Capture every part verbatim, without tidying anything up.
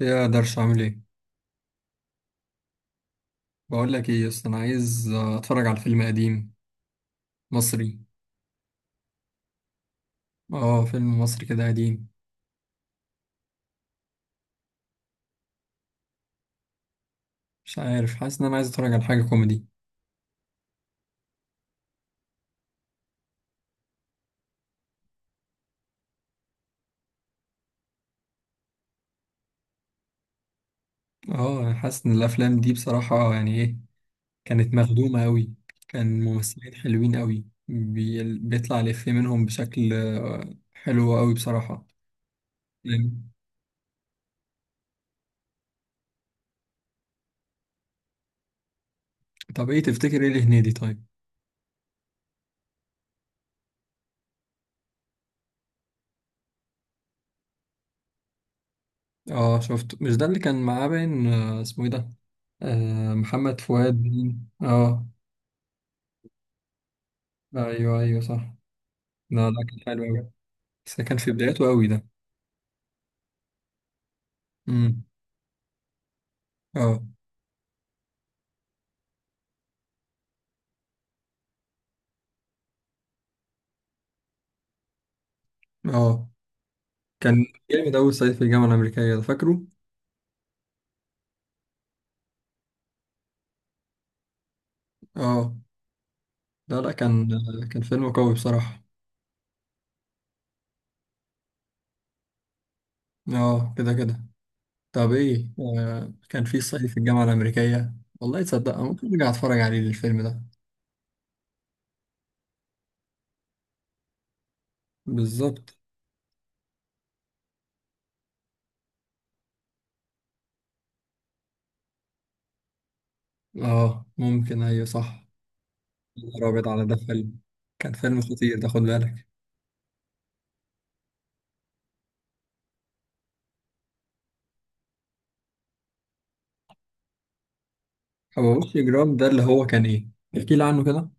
يا درش عامل ايه؟ بقول لك ايه يا اسطى، انا عايز آه، اتفرج على فيلم قديم مصري. اه، فيلم مصري كده قديم. مش عارف، حاسس ان انا عايز اتفرج على حاجه كوميدي. اه حاسس ان الافلام دي بصراحه يعني ايه، كانت مخدومه قوي. كان ممثلين حلوين قوي، بي... بيطلع الافيه منهم بشكل آه، حلو قوي بصراحه. يعني- طب ايه تفتكر، ايه لهنيدي طيب؟ اه شفته، مش ده اللي كان معاه باين آه، اسمه ايه ده. آه، محمد فؤاد باين. اه. ايوه ايوه صح. لا ده كان حلو أوي، بس ده كان في بداياته أوي ده. امم اه. اه، كان جامد أوي صعيدي في الجامعة الأمريكية ده، فاكره؟ اه. لا لا كان كان فيلم قوي بصراحة. اه كده كده. طب ايه، آه كان في صعيدي في الجامعة الأمريكية. والله تصدق أنا ممكن أرجع أتفرج عليه الفيلم ده. بالظبط. اه ممكن، أيوه صح. يا نهار أبيض على ده فيلم، كان فيلم خطير ده، خد بالك. أبو وش جرام ده اللي هو كان ايه؟ احكي لي عنه كده.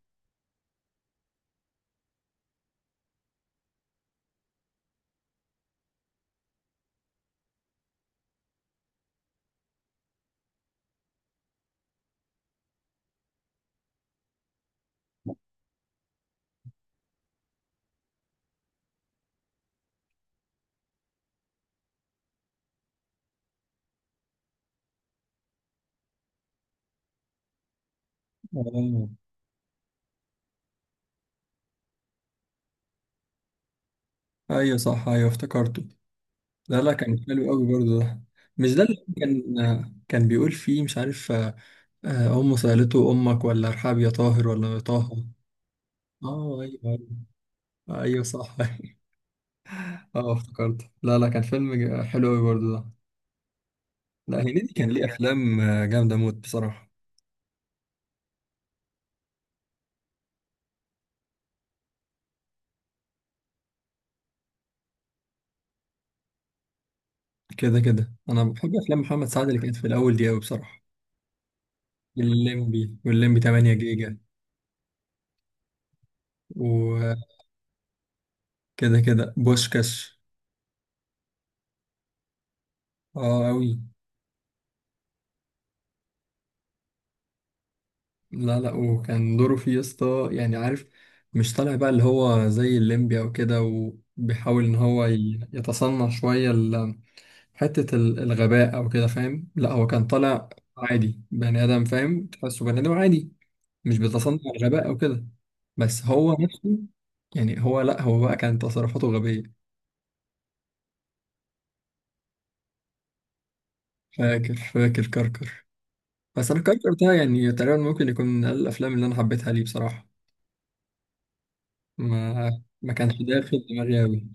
اه ايوه صح، ايوه افتكرته. لا لا كان حلو قوي برضه ده. مش ده اللي كان كان بيقول فيه مش عارف آه، آه، أمه سألته أمك ولا أرحاب يا طاهر ولا يا طه. اه ايوه ايوه. أيوة صح. اه افتكرت، لا لا كان فيلم ج- حلو قوي برضه ده. لا هنيدي كان ليه أفلام آه، جامدة موت بصراحة. كده كده، أنا بحب أفلام محمد سعد اللي كانت في الأول دي قوي بصراحة. الليمبي والليمبي تمانية جيجا، وكده كده بوشكاش. اه قوي. لا لا وكان دوره فيه يا اسطى يعني، عارف، مش طالع بقى اللي هو زي الليمبي او كده، وبيحاول ان هو ي- يتصنع شوية ال- حتة ال- الغباء او كده، فاهم؟ لا هو كان طالع عادي بني ادم، فاهم، تحسه بني ادم عادي مش بيتصنع الغباء او كده، بس هو نفسه. يعني هو لا هو بقى كانت تصرفاته غبية. فاكر فاكر كركر، بس انا كركر ده يعني تقريبا ممكن يكون من اقل الافلام اللي انا حبيتها ليه بصراحة. ما ما كانش داخل دماغي أوي.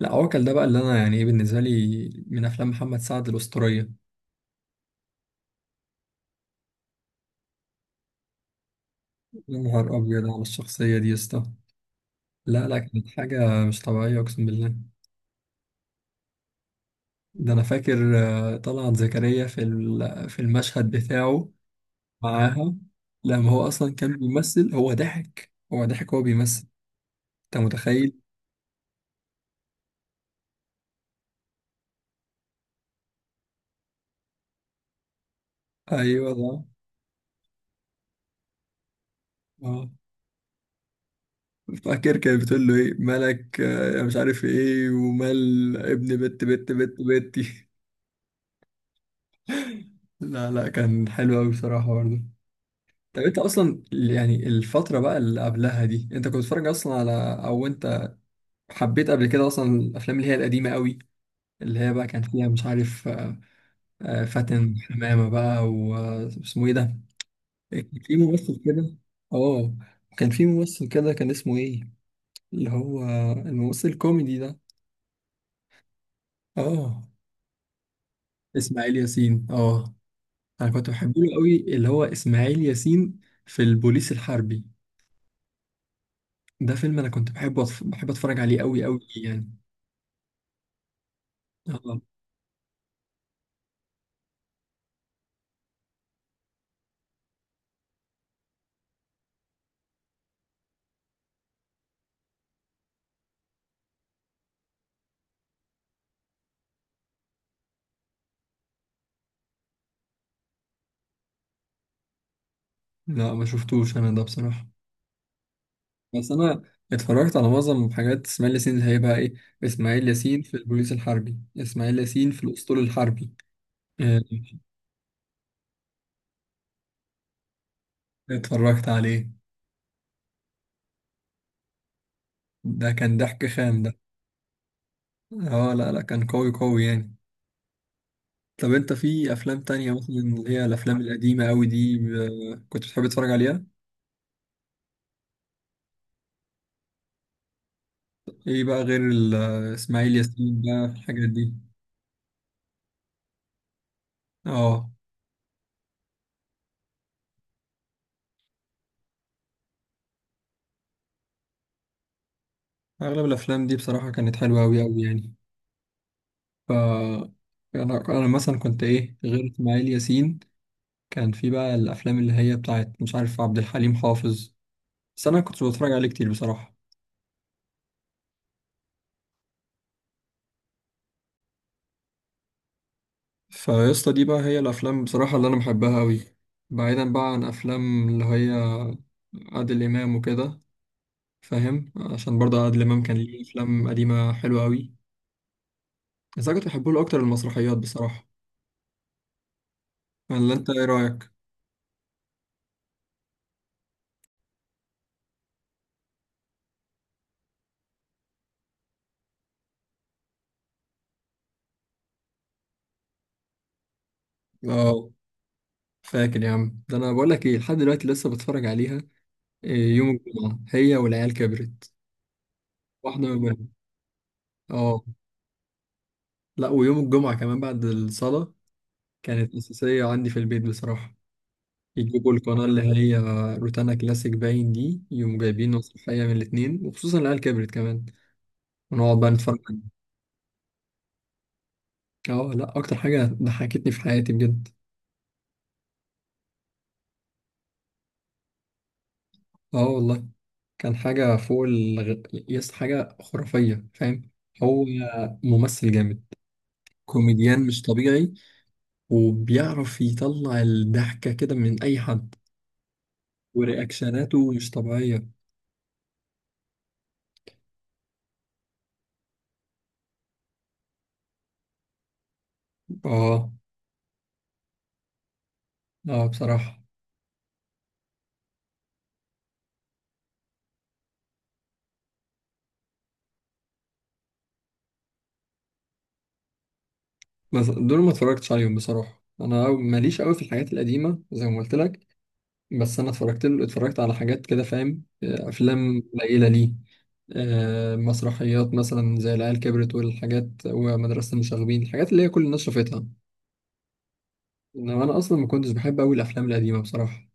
لا عوكل ده بقى اللي انا يعني ايه، بالنسبه لي من افلام محمد سعد الاسطوريه. يا نهار ابيض على الشخصيه دي يا اسطى، لا لا كانت حاجه مش طبيعيه اقسم بالله. ده انا فاكر آه، طلعت زكريا في ال- في المشهد بتاعه معاها، لما هو اصلا كان بيمثل، هو ضحك هو ضحك وهو بيمثل، انت متخيل؟ ايوه ده. اه فاكر كانت بتقول له ايه مالك آه، مش عارف ايه، ومال ابن بت بت بت بتي. لا لا كان حلو قوي بصراحه برضه. طب انت اصلا يعني الفترة بقى اللي قبلها دي انت كنت بتتفرج اصلا على، او انت حبيت قبل كده اصلا الافلام اللي هي القديمة قوي، اللي هي بقى كان فيها مش عارف آه، آه، فاتن حمامة بقى، واسمه ايه ده؟ كان في ممثل كده. اه كان في ممثل كده كان اسمه ايه، اللي هو الممثل الكوميدي ده. اه. اسماعيل ياسين اه، انا كنت بحبه له قوي اللي هو اسماعيل ياسين في البوليس الحربي، ده فيلم انا كنت بحبه، بحب اتفرج عليه قوي قوي يعني. اه. لا ما شفتوش انا ده بصراحة، بس انا اتفرجت على معظم حاجات اسماعيل ياسين اللي هيبقى ايه، اسماعيل ياسين في البوليس الحربي، اسماعيل ياسين في الاسطول الحربي آه، اتفرجت عليه. ده كان ضحك خام ده. اه لا لا كان قوي قوي يعني. طب انت في افلام تانية مثلا اللي هي الافلام القديمة قوي دي آه، كنت بتحب تتفرج عليها؟ ايه بقى غير ال- آه، اسماعيل ياسين بقى الحاجات دي؟ اه اغلب الافلام دي بصراحة كانت حلوة قوي قوي يعني. ف انا انا مثلا كنت ايه غير اسماعيل ياسين، كان في بقى الافلام اللي هي بتاعت مش عارف عبد الحليم حافظ، بس انا كنت بتفرج عليه كتير بصراحه. فيسطا دي بقى هي الافلام بصراحه اللي انا بحبها قوي، بعيدا بقى عن افلام اللي هي عادل امام وكده، فاهم؟ عشان برضه عادل امام كان ليه افلام قديمه حلوه قوي، بس انا كنت بحبه له اكتر المسرحيات بصراحه، ولا انت ايه رايك؟ اه. فاكر يا عم، ده انا بقول لك ايه لحد دلوقتي لسه بتفرج عليها. إيه، يوم الجمعة هي والعيال كبرت، واحدة من بينهم. اه. لا ويوم الجمعة كمان بعد الصلاة كانت أساسية عندي في البيت بصراحة. يجيبوا القناة اللي هي روتانا كلاسيك باين، دي يوم جايبين مسرحية من الاتنين، وخصوصا العيال كبرت كمان، ونقعد بقى نتفرج. اه لا أكتر حاجة ضحكتني في حياتي بجد. اه والله، كان حاجة فوق الغ... يس، حاجة خرافية فاهم. هو ممثل جامد، كوميديان مش طبيعي، وبيعرف يطلع الضحكة كده من أي حد. ورياكشناته مش طبيعية. اه. اه بصراحة. بس دول ما اتفرجتش عليهم بصراحة، انا ماليش قوي في الحاجات القديمة زي ما قلت لك. بس انا اتفرجت له، اتفرجت على حاجات كده فاهم، آه، افلام قليلة ليه، آه، مسرحيات مثلا زي العيال كبرت والحاجات، ومدرسة المشاغبين، الحاجات اللي هي كل الناس شافتها. انما انا اصلا ما كنتش بحب قوي الافلام القديمة بصراحة.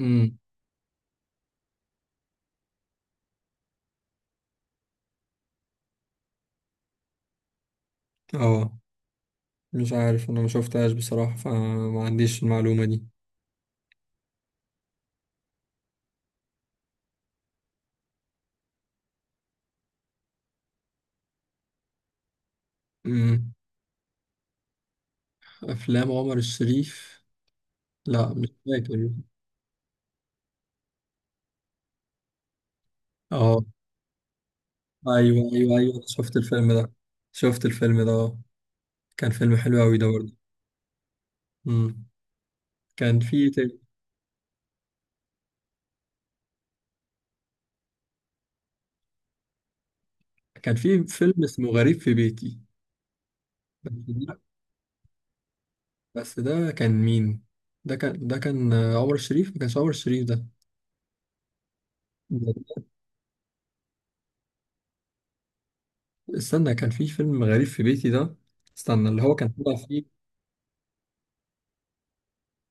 امم اه. مش عارف، انا ما شفتهاش بصراحة فما عنديش المعلومة دي. امم افلام عمر الشريف، لا مش فاكر. اه ايوه ايوه ايوه، شفت الفيلم ده، شفت الفيلم ده آه. كان فيلم حلو قوي ده برضه. امم كان في ت- كان في فيلم اسمه غريب في بيتي. بس ده بس ده كان مين؟ ده كان ده كان آه، عمر الشريف، ما كانش عمر الشريف ده. ده- استنى، كان في فيلم غريب في بيتي ده، استنى، اللي هو كان طلع فيه،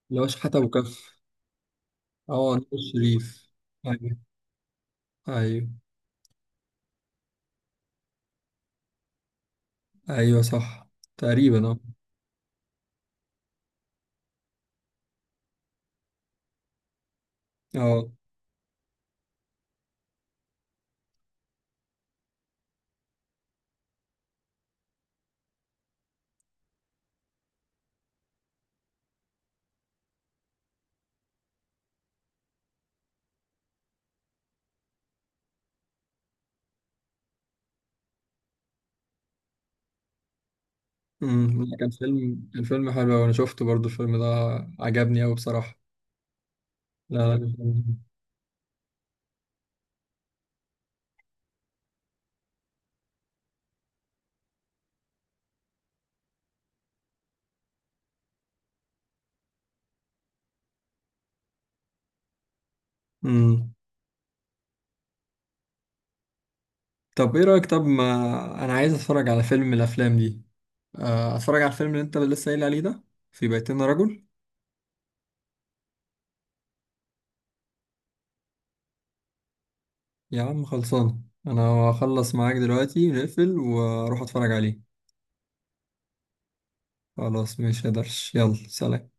اللي هو شحاتة وكف. اه نور الشريف. ايوه. ايوه ايوه صح، تقريبا اه. اه. امم لا، كان فيلم كان فيلم حلو أوي، انا شفته برضو الفيلم ده، عجبني قوي بصراحة. لا لا. امم. طب ايه رأيك، طب ما انا عايز اتفرج على فيلم من الافلام دي، آه، اتفرج على الفيلم اللي انت لسه قايل عليه ده، في بيتنا رجل. يا عم خلصان، انا هخلص معاك دلوقتي نقفل واروح اتفرج عليه. خلاص مش قدرش، يلا سلام.